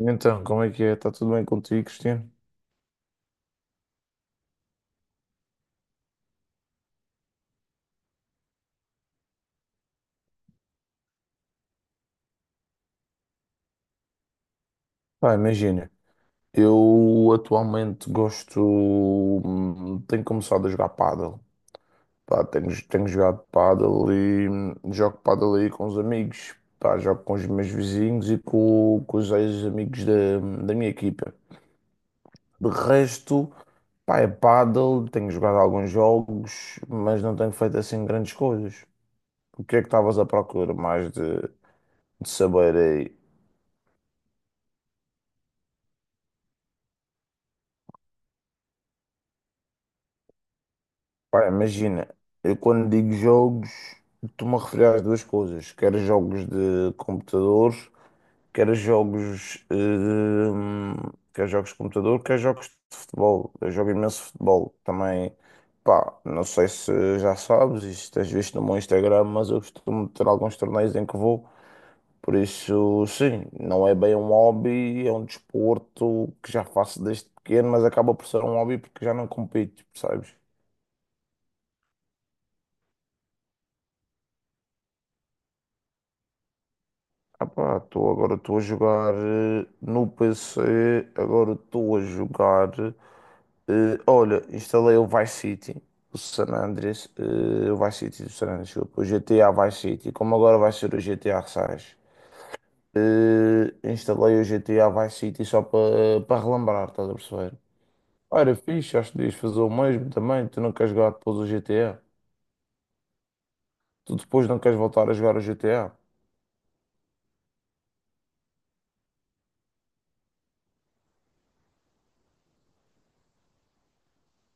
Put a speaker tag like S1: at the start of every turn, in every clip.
S1: Então, como é que é? Está tudo bem contigo, Cristiano? Pá, imagina, eu atualmente gosto, tenho começado a jogar pádel. Pá, tenho jogado pádel e jogo pádel aí com os amigos. Pá, jogo com os meus vizinhos e com os ex-amigos da minha equipa. De resto, pá, é pádel, tenho jogado alguns jogos, mas não tenho feito assim grandes coisas. O que é que estavas à procura mais de saber aí? Pá, imagina, eu quando digo jogos, estou-me a referir às duas coisas, quer jogos de computador, quer jogos, hum, quer jogos de computador, quer jogos de futebol. Eu jogo imenso futebol também. Pá, não sei se já sabes, isto tens visto no meu Instagram, mas eu costumo ter alguns torneios em que vou. Por isso, sim, não é bem um hobby, é um desporto que já faço desde pequeno, mas acaba por ser um hobby porque já não compito, percebes? Ah pá, agora estou a jogar no PC, agora estou a jogar. Olha, instalei o Vice City, o San Andreas, o Vice City do San Andreas, desculpa, o GTA Vice City, como agora vai ser o GTA 6. Instalei o GTA Vice City só para relembrar, estás a perceber? Ah, era fixe, acho que devias fazer o mesmo também, tu não queres jogar depois o GTA. Tu depois não queres voltar a jogar o GTA,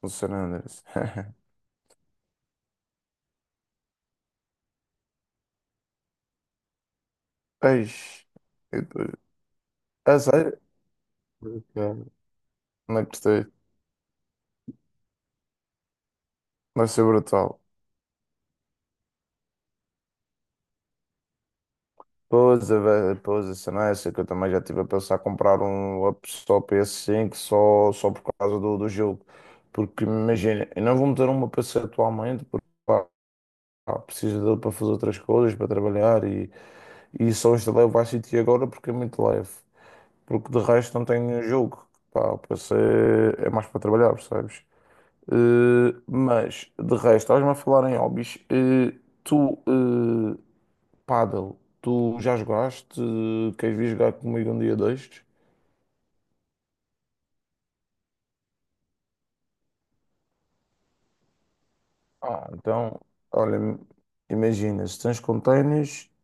S1: o San Andreas. Eis, eu tô- a sério? Ok. Não gostei. Vai ser brutal. Pois, a cena é essa que eu também já estive a pensar comprar um laptop PS5 só por causa do jogo. Porque imagina, eu não vou meter uma PC atualmente porque pá, preciso dele para fazer outras coisas, para trabalhar e só instalei o Vice City agora porque é muito leve. Porque de resto não tenho nenhum jogo. Pá, o PC é mais para trabalhar, percebes? Mas de resto, estás-me a falar em hobbies. Tu. eh, Paddle, tu já jogaste? Queres vir jogar comigo um dia destes? Ah, então, olha, imagina, se tens com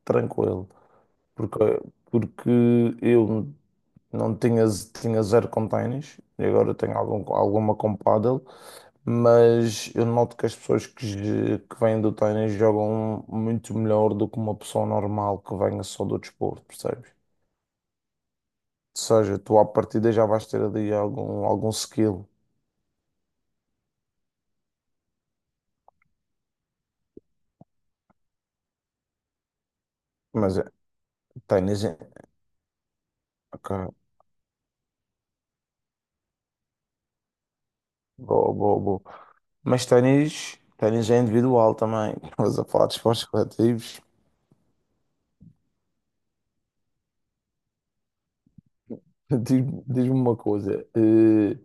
S1: tranquilo, porque, porque eu não tinha, tinha zero com e agora tenho algum, alguma com paddle, mas eu noto que as pessoas que vêm do ténis jogam muito melhor do que uma pessoa normal que venha só do desporto, percebes? Ou seja, tu à partida já vais ter ali algum skill. Mas ténis, ok, boa, boa, boa. Mas ténis é individual também. Mas a falar de esportes coletivos, diz-me uma coisa.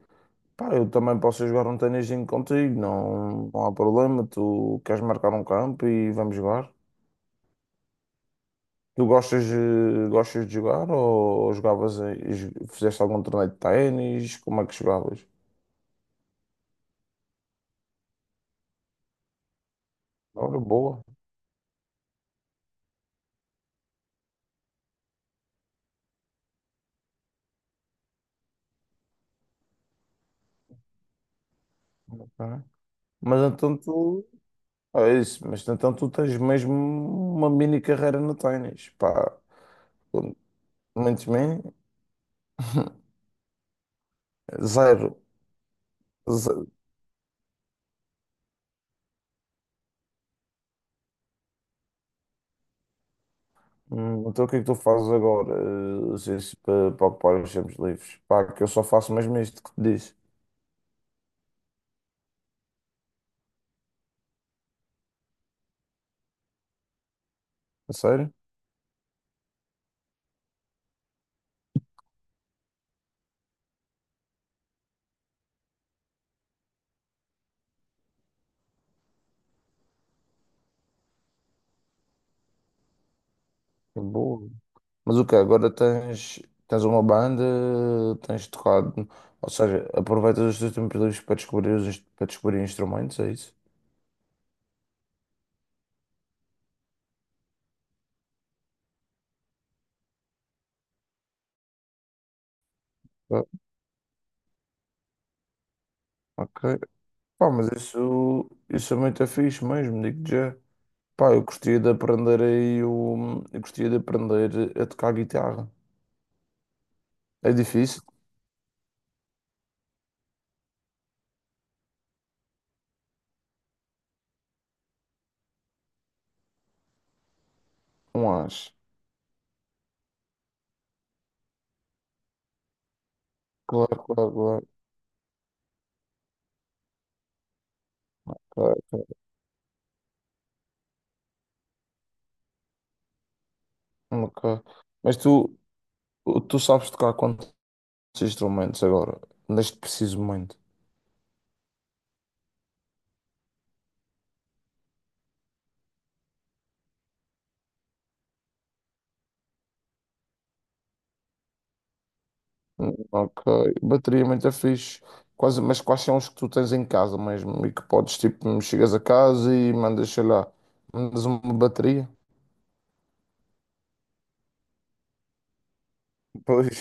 S1: Pá, eu também posso jogar um ténisinho contigo, não, não há problema. Tu queres marcar um campo e vamos jogar. Tu gostas de jogar ou jogavas, fizeste algum torneio de ténis? Como é que jogavas? Ora, boa. Ok. Mas então tu Ah, é isso, mas então tu tens mesmo uma mini carreira no ténis, pá, muito bem, zero, zero. Então o que é que tu fazes agora, assim, para ocupar os tempos livres? Pá, que eu só faço mesmo isto que te disse, a sério? Que boa. Mas o que agora tens uma banda, tens tocado, ou seja, aproveitas os teus tempos livres para para descobrir instrumentos, é isso? Ah, ok, pá, mas isso é muito fixe mesmo, digo já. Pá, eu gostaria de aprender. Eu gostaria de aprender a tocar guitarra. É difícil? Não acho. Claro, claro, claro. Claro, claro. Ok. Mas tu sabes tocar quantos instrumentos agora? Neste preciso momento. Ok. Bateria muito é fixe. Quase, mas quais são os que tu tens em casa mesmo? E que podes, tipo, chegas a casa e mandas uma bateria. Pois,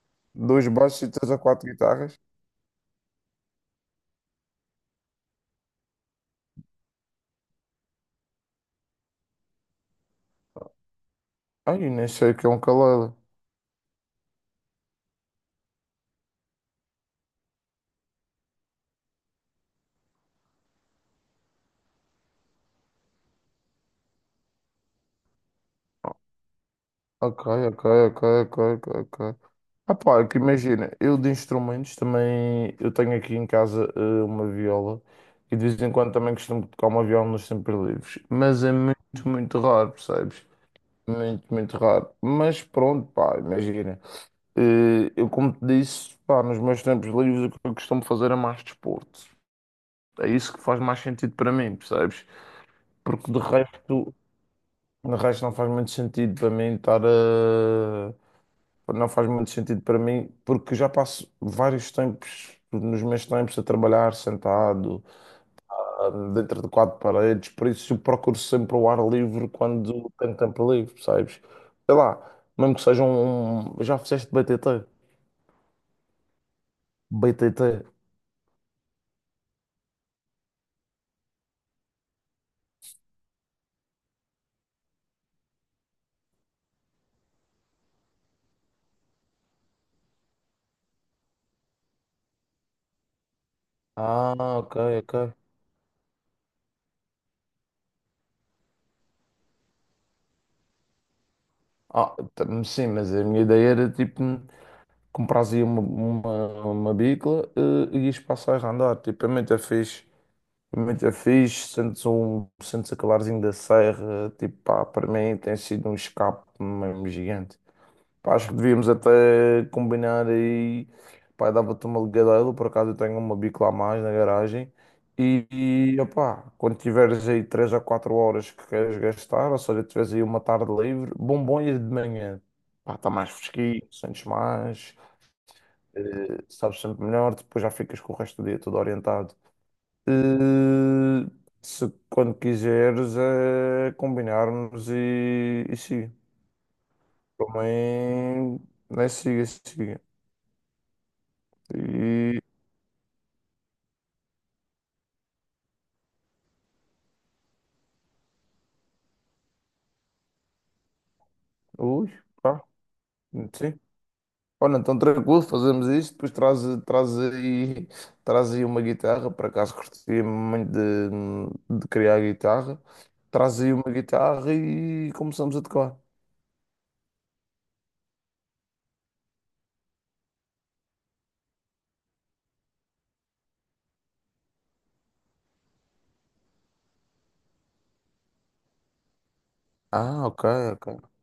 S1: dois baixos e três a quatro guitarras. Ai, nem sei o que é um ukulele. Ok, ok, ok, ok, ok. Ok. Ah, pá, é que imagina, eu de instrumentos também, eu tenho aqui em casa uma viola e de vez em quando também costumo tocar uma viola nos tempos livres, mas é muito, muito raro, percebes? Muito, muito raro. Mas pronto, pá, imagina, eu como te disse, pá, nos meus tempos livres o que eu costumo fazer é mais desporto. É isso que faz mais sentido para mim, percebes? Porque de resto não faz muito sentido para mim estar a não faz muito sentido para mim, porque já passo vários tempos, nos meus tempos, a trabalhar sentado, dentro de quatro paredes, por isso eu procuro sempre o ar livre quando tenho tempo livre, percebes? Sei lá, mesmo que seja. Já fizeste BTT? BTT. Ah, ok, ok. Ah, sim, mas a minha ideia era tipo. Compras uma bicla e ias passar a andar. Tipo, a mim é muito fixe. Muito é fixe, sentes aquele arzinho da serra, tipo, pá, para mim tem sido um escape mesmo gigante. Pá, acho que devíamos até combinar aí, pá, dava-te uma ligadela, por acaso eu tenho uma bico lá a mais na garagem, e opá, quando tiveres aí 3 a 4 horas que queres gastar, ou seja, tiveres aí uma tarde livre, bom ir de manhã, pá, está mais fresquinho, sentes mais, sabes sempre melhor, depois já ficas com o resto do dia todo orientado. Eh, Se quando quiseres é combinarmos e siga. Também né, siga, siga. E ui, pá, sim. Olha, então tranquilo, fazemos isto, depois traz aí, traz aí uma guitarra, por acaso curtia muito de criar guitarra. Traz aí uma guitarra e começamos a tocar. Ah, ok, ok.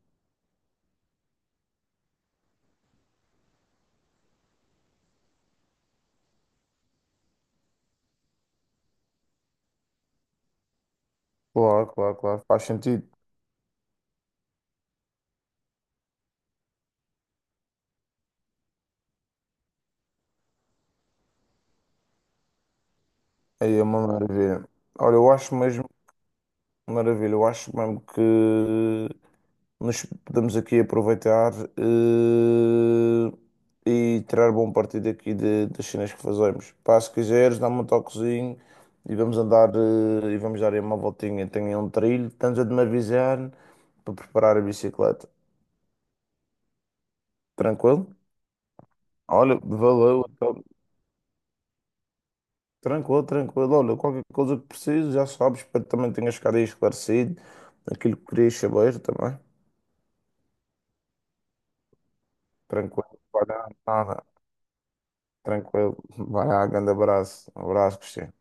S1: Claro, claro, claro. Faz sentido. Aí é uma maravilha. Olha, eu acho mesmo. Maravilha, eu acho mesmo que nos podemos aqui aproveitar eh, e tirar bom partido aqui das cenas que fazemos. Pá, se quiseres, dá-me um toquezinho e vamos andar e vamos dar aí uma voltinha. Tenho aí um trilho, estamos a de me avisar para preparar a bicicleta. Tranquilo? Olha, valeu. Então. Tranquilo, tranquilo. Olha, qualquer coisa que preciso, já sabes, espero que também tenhas ficado aí esclarecido aquilo que querias saber também. Tranquilo, não nada. Tranquilo. Vai lá, grande abraço. Um abraço, Cristiano.